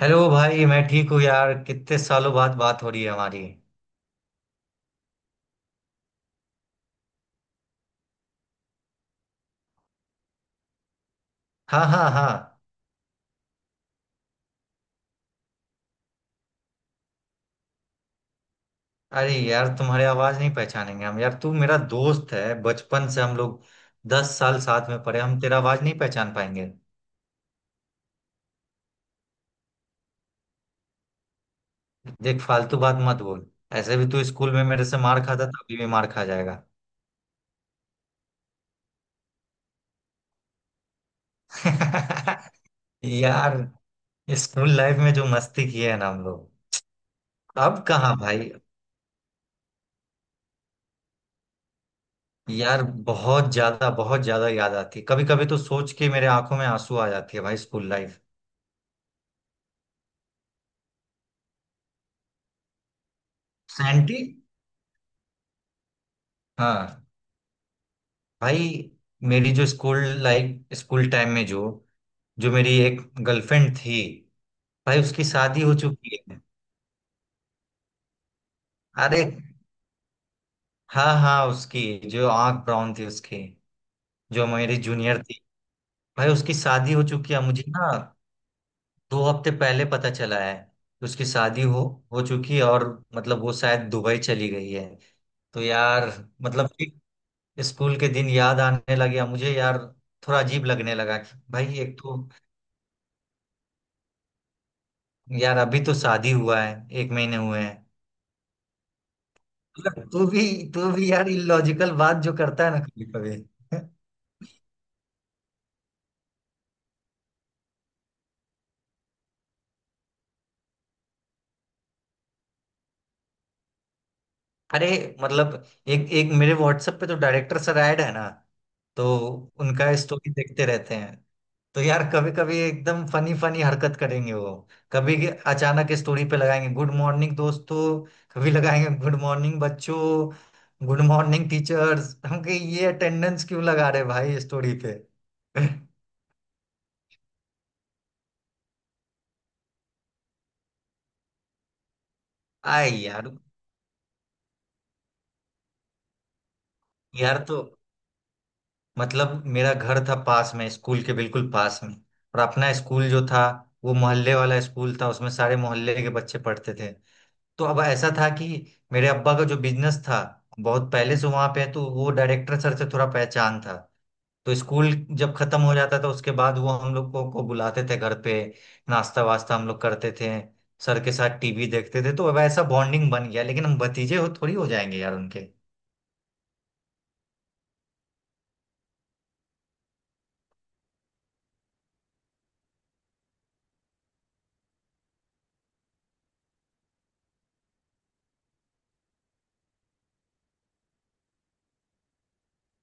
Hello भाई मैं ठीक हूँ यार। कितने सालों बाद बात हो रही है हमारी। हाँ हाँ हाँ। अरे यार तुम्हारी आवाज नहीं पहचानेंगे हम यार। तू मेरा दोस्त है बचपन से, हम लोग 10 साल साथ में पढ़े। हम तेरा आवाज नहीं पहचान पाएंगे। देख फालतू बात मत बोल। ऐसे भी तू स्कूल में मेरे से मार खाता था, अभी भी मार खा जाएगा। यार, स्कूल लाइफ में जो मस्ती की है ना हम लोग। अब कहाँ भाई। यार बहुत ज्यादा याद आती है। कभी कभी तो सोच के मेरे आंखों में आंसू आ जाती है भाई, स्कूल लाइफ। सैंटी? हाँ। भाई मेरी जो स्कूल लाइफ, स्कूल टाइम में जो जो मेरी एक गर्लफ्रेंड थी, भाई उसकी शादी हो चुकी है। अरे हाँ हाँ, उसकी जो आंख ब्राउन थी उसकी, जो मेरी जूनियर थी, भाई उसकी शादी हो चुकी है। मुझे ना 2 हफ्ते पहले पता चला है कि उसकी शादी हो चुकी है। और मतलब वो शायद दुबई चली गई है। तो यार, मतलब कि स्कूल के दिन याद आने लगे अब मुझे यार, थोड़ा अजीब लगने लगा कि भाई, एक तो। यार अभी तो शादी हुआ है, एक महीने हुए हैं। मतलब तू भी यार इलॉजिकल बात जो करता है ना कभी कभी। अरे मतलब एक एक मेरे व्हाट्सएप पे तो डायरेक्टर सर ऐड है ना, तो उनका स्टोरी देखते रहते हैं। तो यार कभी कभी एकदम फनी फनी हरकत करेंगे वो। कभी के- अचानक स्टोरी पे लगाएंगे गुड मॉर्निंग दोस्तों, कभी लगाएंगे गुड मॉर्निंग बच्चों, गुड मॉर्निंग टीचर्स। हम कहे ये अटेंडेंस क्यों लगा रहे भाई स्टोरी पे। आए यार। यार तो मतलब मेरा घर था पास में, स्कूल के बिल्कुल पास में। और अपना स्कूल जो था वो मोहल्ले वाला स्कूल था, उसमें सारे मोहल्ले के बच्चे पढ़ते थे। तो अब ऐसा था कि मेरे अब्बा का जो बिजनेस था बहुत पहले से वहां पे है, तो वो डायरेक्टर सर से थोड़ा पहचान था। तो स्कूल जब खत्म हो जाता था उसके बाद वो हम लोग को बुलाते थे घर पे। नाश्ता वास्ता हम लोग करते थे, सर के साथ टीवी देखते थे। तो अब ऐसा बॉन्डिंग बन गया, लेकिन हम भतीजे हो थोड़ी हो जाएंगे यार उनके।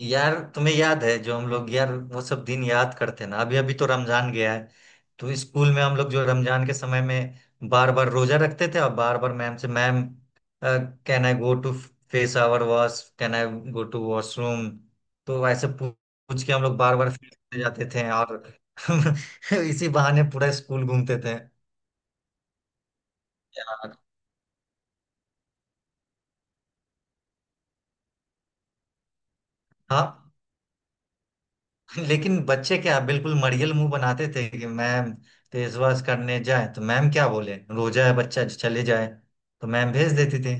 यार तुम्हें याद है जो हम लोग, यार वो सब दिन याद करते हैं ना। अभी अभी तो रमजान गया है, तो स्कूल में हम लोग जो रमजान के समय में बार बार रोजा रखते थे, और बार बार मैम से, ma'am can I go to face our wash, can I go to washroom. तो ऐसे पूछ के हम लोग बार बार फेस करते जाते थे, और इसी बहाने पूरा स्कूल घूमते थे। यार हाँ। लेकिन बच्चे क्या, बिल्कुल मरियल मुंह बनाते थे कि मैम फेसवॉश करने जाए, तो मैम क्या बोले, रोजा है बच्चा चले जाए। तो मैम भेज देती थी।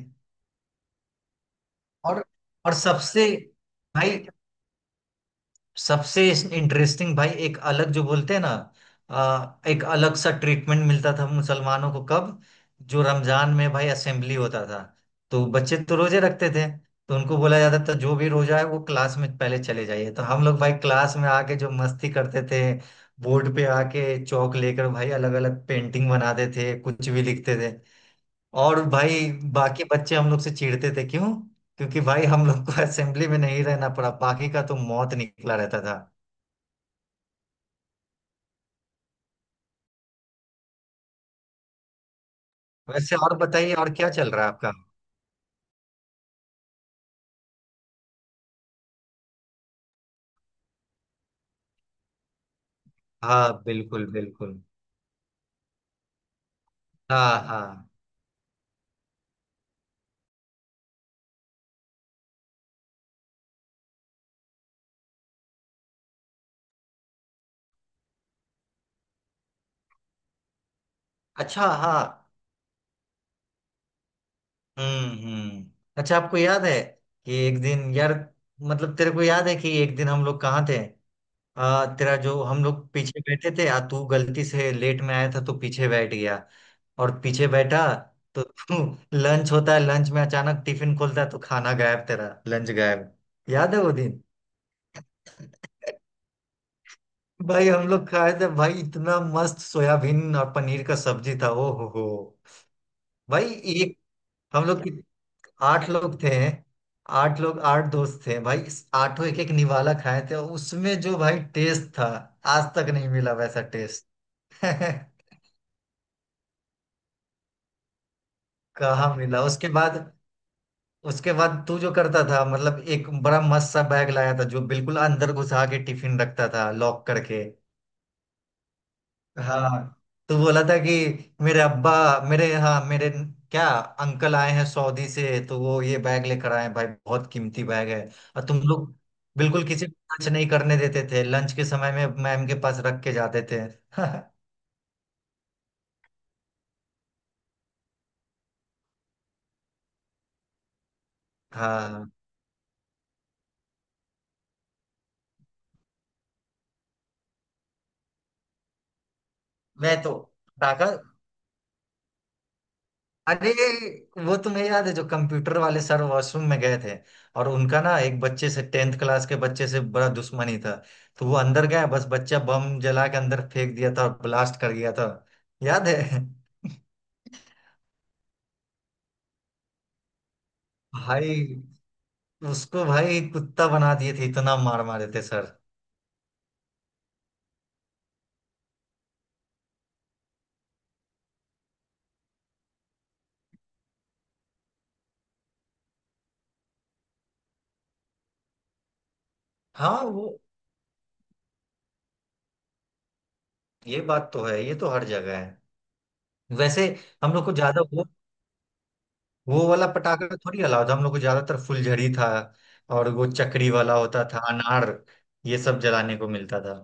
और और सबसे, भाई सबसे इंटरेस्टिंग भाई, एक अलग जो बोलते हैं ना, एक अलग सा ट्रीटमेंट मिलता था मुसलमानों को। कब? जो रमजान में भाई असेंबली होता था तो बच्चे तो रोजे रखते थे, तो उनको बोला जाता था जो भी रोजा है वो क्लास में पहले चले जाइए। तो हम लोग भाई क्लास में आके जो मस्ती करते थे, बोर्ड पे आके चौक लेकर भाई अलग अलग पेंटिंग बनाते थे, कुछ भी लिखते थे। और भाई बाकी बच्चे हम लोग से चिढ़ते थे। क्यों? क्योंकि भाई हम लोग को असेंबली में नहीं रहना पड़ा, बाकी का तो मौत निकला रहता था। वैसे और बताइए, और क्या चल रहा है आपका। हाँ बिल्कुल बिल्कुल। हाँ हाँ। अच्छा हाँ। हम्म। अच्छा आपको याद है कि एक दिन यार, मतलब तेरे को याद है कि एक दिन हम लोग कहाँ थे? तेरा जो, हम लोग पीछे बैठे थे, आ तू गलती से लेट में आया था तो पीछे बैठ गया, और पीछे बैठा। तो तू लंच होता है, लंच में अचानक टिफिन खोलता है तो खाना गायब, तेरा लंच गायब। याद है वो दिन? भाई हम लोग खाए थे भाई, इतना मस्त सोयाबीन और पनीर का सब्जी था, ओ हो हो। भाई एक, हम लोग कि- आठ लोग थे। आठ लोग, आठ दोस्त थे भाई, इस आठों एक एक निवाला खाए थे, और उसमें जो भाई टेस्ट था आज तक नहीं मिला वैसा टेस्ट। कहाँ मिला उसके बाद। उसके बाद तू जो करता था, मतलब एक बड़ा मस्त सा बैग लाया था जो बिल्कुल अंदर घुसा के टिफिन रखता था लॉक करके। हाँ, तो बोला था कि मेरे अब्बा, मेरे, हाँ मेरे, क्या, अंकल आए हैं सऊदी से, तो वो ये बैग लेकर आए हैं भाई, बहुत कीमती बैग है। और तुम लोग बिल्कुल किसी को टच नहीं करने देते थे, लंच के समय में मैम के पास रख के जाते थे। हाँ। मैं तो पटाखा, अरे वो तुम्हें याद है जो कंप्यूटर वाले सर वॉशरूम में गए थे, और उनका ना एक बच्चे से, टेंथ क्लास के बच्चे से, बड़ा दुश्मनी था। तो वो अंदर गया बस, बच्चा बम जला के अंदर फेंक दिया था और ब्लास्ट कर गया था। याद है? भाई उसको भाई कुत्ता बना दिए थे, इतना मार मारे थे सर। हाँ वो, ये बात तो है, ये तो हर जगह है। वैसे हम लोग को ज्यादा वो वाला पटाखा तो थोड़ी अलाउड था, हम लोग को ज्यादातर फुलझड़ी था, और वो चक्री वाला होता था अनार, ये सब जलाने को मिलता था।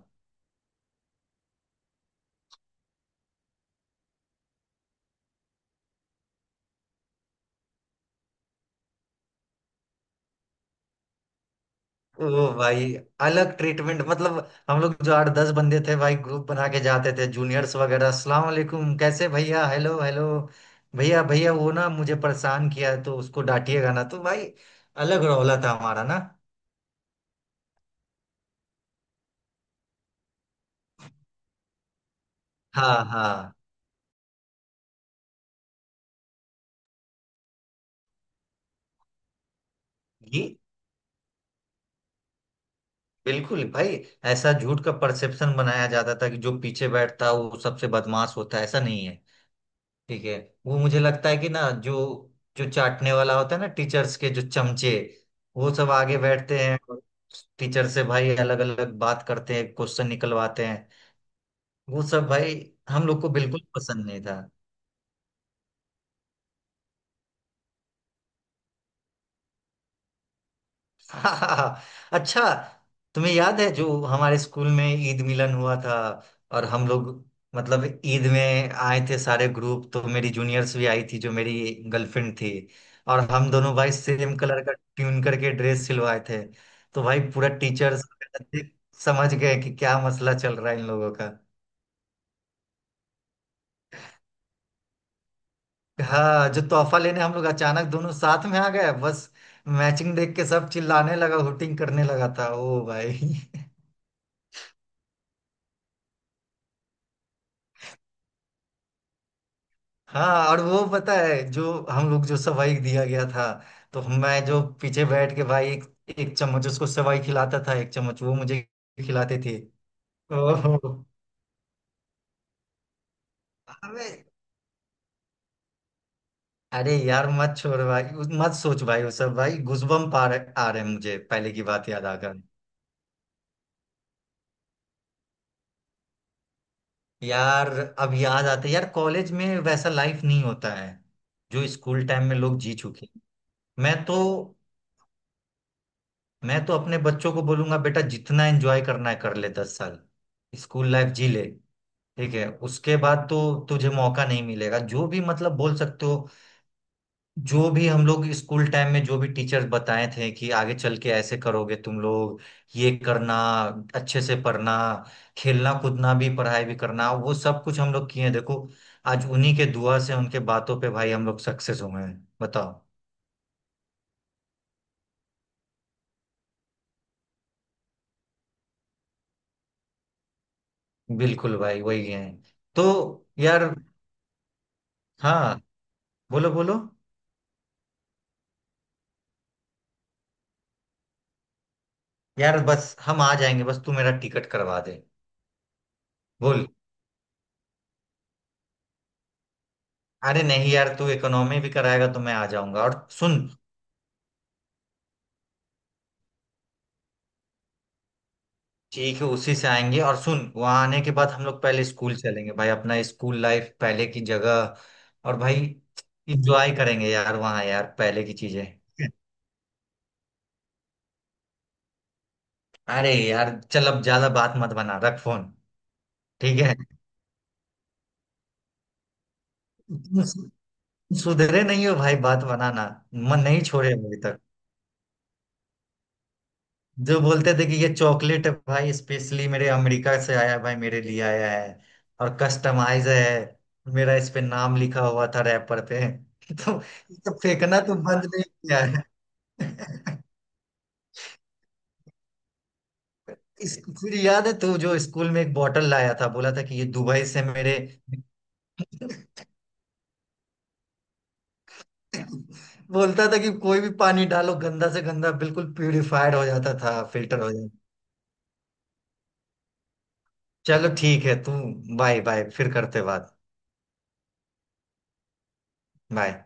ओ भाई अलग ट्रीटमेंट मतलब, हम लोग जो आठ दस बंदे थे भाई, ग्रुप बना के जाते थे। जूनियर्स वगैरह, अस्सलाम वालेकुम, कैसे भैया, हेलो हेलो, भैया भैया वो ना मुझे परेशान किया है, तो उसको डांटिएगा ना। तो भाई अलग रौला था हमारा ना। हाँ हाँ। ये बिल्कुल भाई, ऐसा झूठ का परसेप्शन बनाया जाता था कि जो पीछे बैठता है वो सबसे बदमाश होता है, ऐसा नहीं है। ठीक है। वो मुझे लगता है कि ना जो जो चाटने वाला होता है ना टीचर्स के, जो चमचे, वो सब आगे बैठते हैं, और टीचर से भाई अलग अलग बात करते हैं, क्वेश्चन निकलवाते हैं। वो सब भाई हम लोग को बिल्कुल पसंद नहीं था। हाँ, हाँ, हाँ। अच्छा तुम्हें याद है जो हमारे स्कूल में ईद मिलन हुआ था, और हम लोग मतलब ईद में आए थे सारे ग्रुप, तो मेरी जूनियर्स भी आई थी, जो मेरी गर्लफ्रेंड थी, और हम दोनों भाई सेम कलर का ट्यून करके ड्रेस सिलवाए थे। तो भाई पूरा टीचर्स समझ गए कि क्या मसला चल रहा है इन लोगों का। हाँ, जो तोहफा लेने हम लोग अचानक दोनों साथ में आ गए बस, मैचिंग देख के सब चिल्लाने लगा, हुटिंग करने लगा था, ओ भाई। हाँ, और वो पता है जो हम लोग, जो सवाई दिया गया था, तो मैं जो पीछे बैठ के भाई एक, एक चम्मच उसको सवाई खिलाता था, एक चम्मच वो मुझे खिलाते थे। ओहो, अरे, अरे यार मत छोड़ भाई, मत सोच भाई, वो सब, भाई गूजबम्प आ रहे हैं मुझे पहले की बात याद आकर। यार अब याद आता है यार, कॉलेज में वैसा लाइफ नहीं होता है जो स्कूल टाइम में लोग जी चुके हैं। मैं तो मैं तो अपने बच्चों को बोलूंगा बेटा जितना एंजॉय करना है कर ले, 10 साल स्कूल लाइफ जी ले। ठीक है, उसके बाद तो तुझे मौका नहीं मिलेगा। जो भी मतलब बोल सकते हो, जो भी, हम लोग स्कूल टाइम में जो भी टीचर्स बताए थे कि आगे चल के ऐसे करोगे तुम लोग, ये करना, अच्छे से पढ़ना, खेलना कूदना भी, पढ़ाई भी करना, वो सब कुछ हम लोग किए हैं। देखो आज उन्हीं के दुआ से उनके बातों पे भाई हम लोग सक्सेस हुए हैं, बताओ। बिल्कुल भाई वही है। तो यार। हाँ, बोलो बोलो। यार बस हम आ जाएंगे, बस तू मेरा टिकट करवा दे। बोल। अरे नहीं यार, तू इकोनॉमी भी कराएगा तो मैं आ जाऊंगा, और सुन। ठीक है, उसी से आएंगे। और सुन, वहां आने के बाद हम लोग पहले स्कूल चलेंगे भाई, अपना स्कूल लाइफ पहले की जगह, और भाई इंजॉय करेंगे यार वहां यार, पहले की चीजें। अरे यार चल, अब ज्यादा बात मत बना, रख फोन। ठीक है। तुम सु- सुधरे नहीं हो भाई, बात बनाना मन नहीं छोड़े अभी तक। जो बोलते थे कि ये चॉकलेट है भाई, स्पेशली मेरे अमेरिका से आया है भाई, मेरे लिए आया है, और कस्टमाइज है, मेरा इस पे नाम लिखा हुआ था रैपर पे। तो ये तो फेंकना तो बंद नहीं किया है। इस फिर याद है, तू जो स्कूल में एक बॉटल लाया था, बोला था कि ये दुबई से मेरे। बोलता था कि कोई भी पानी डालो गंदा से गंदा, बिल्कुल प्यूरिफाइड हो जाता था, फिल्टर हो जाता। चलो ठीक है तू, बाय बाय, फिर करते बात। बाय।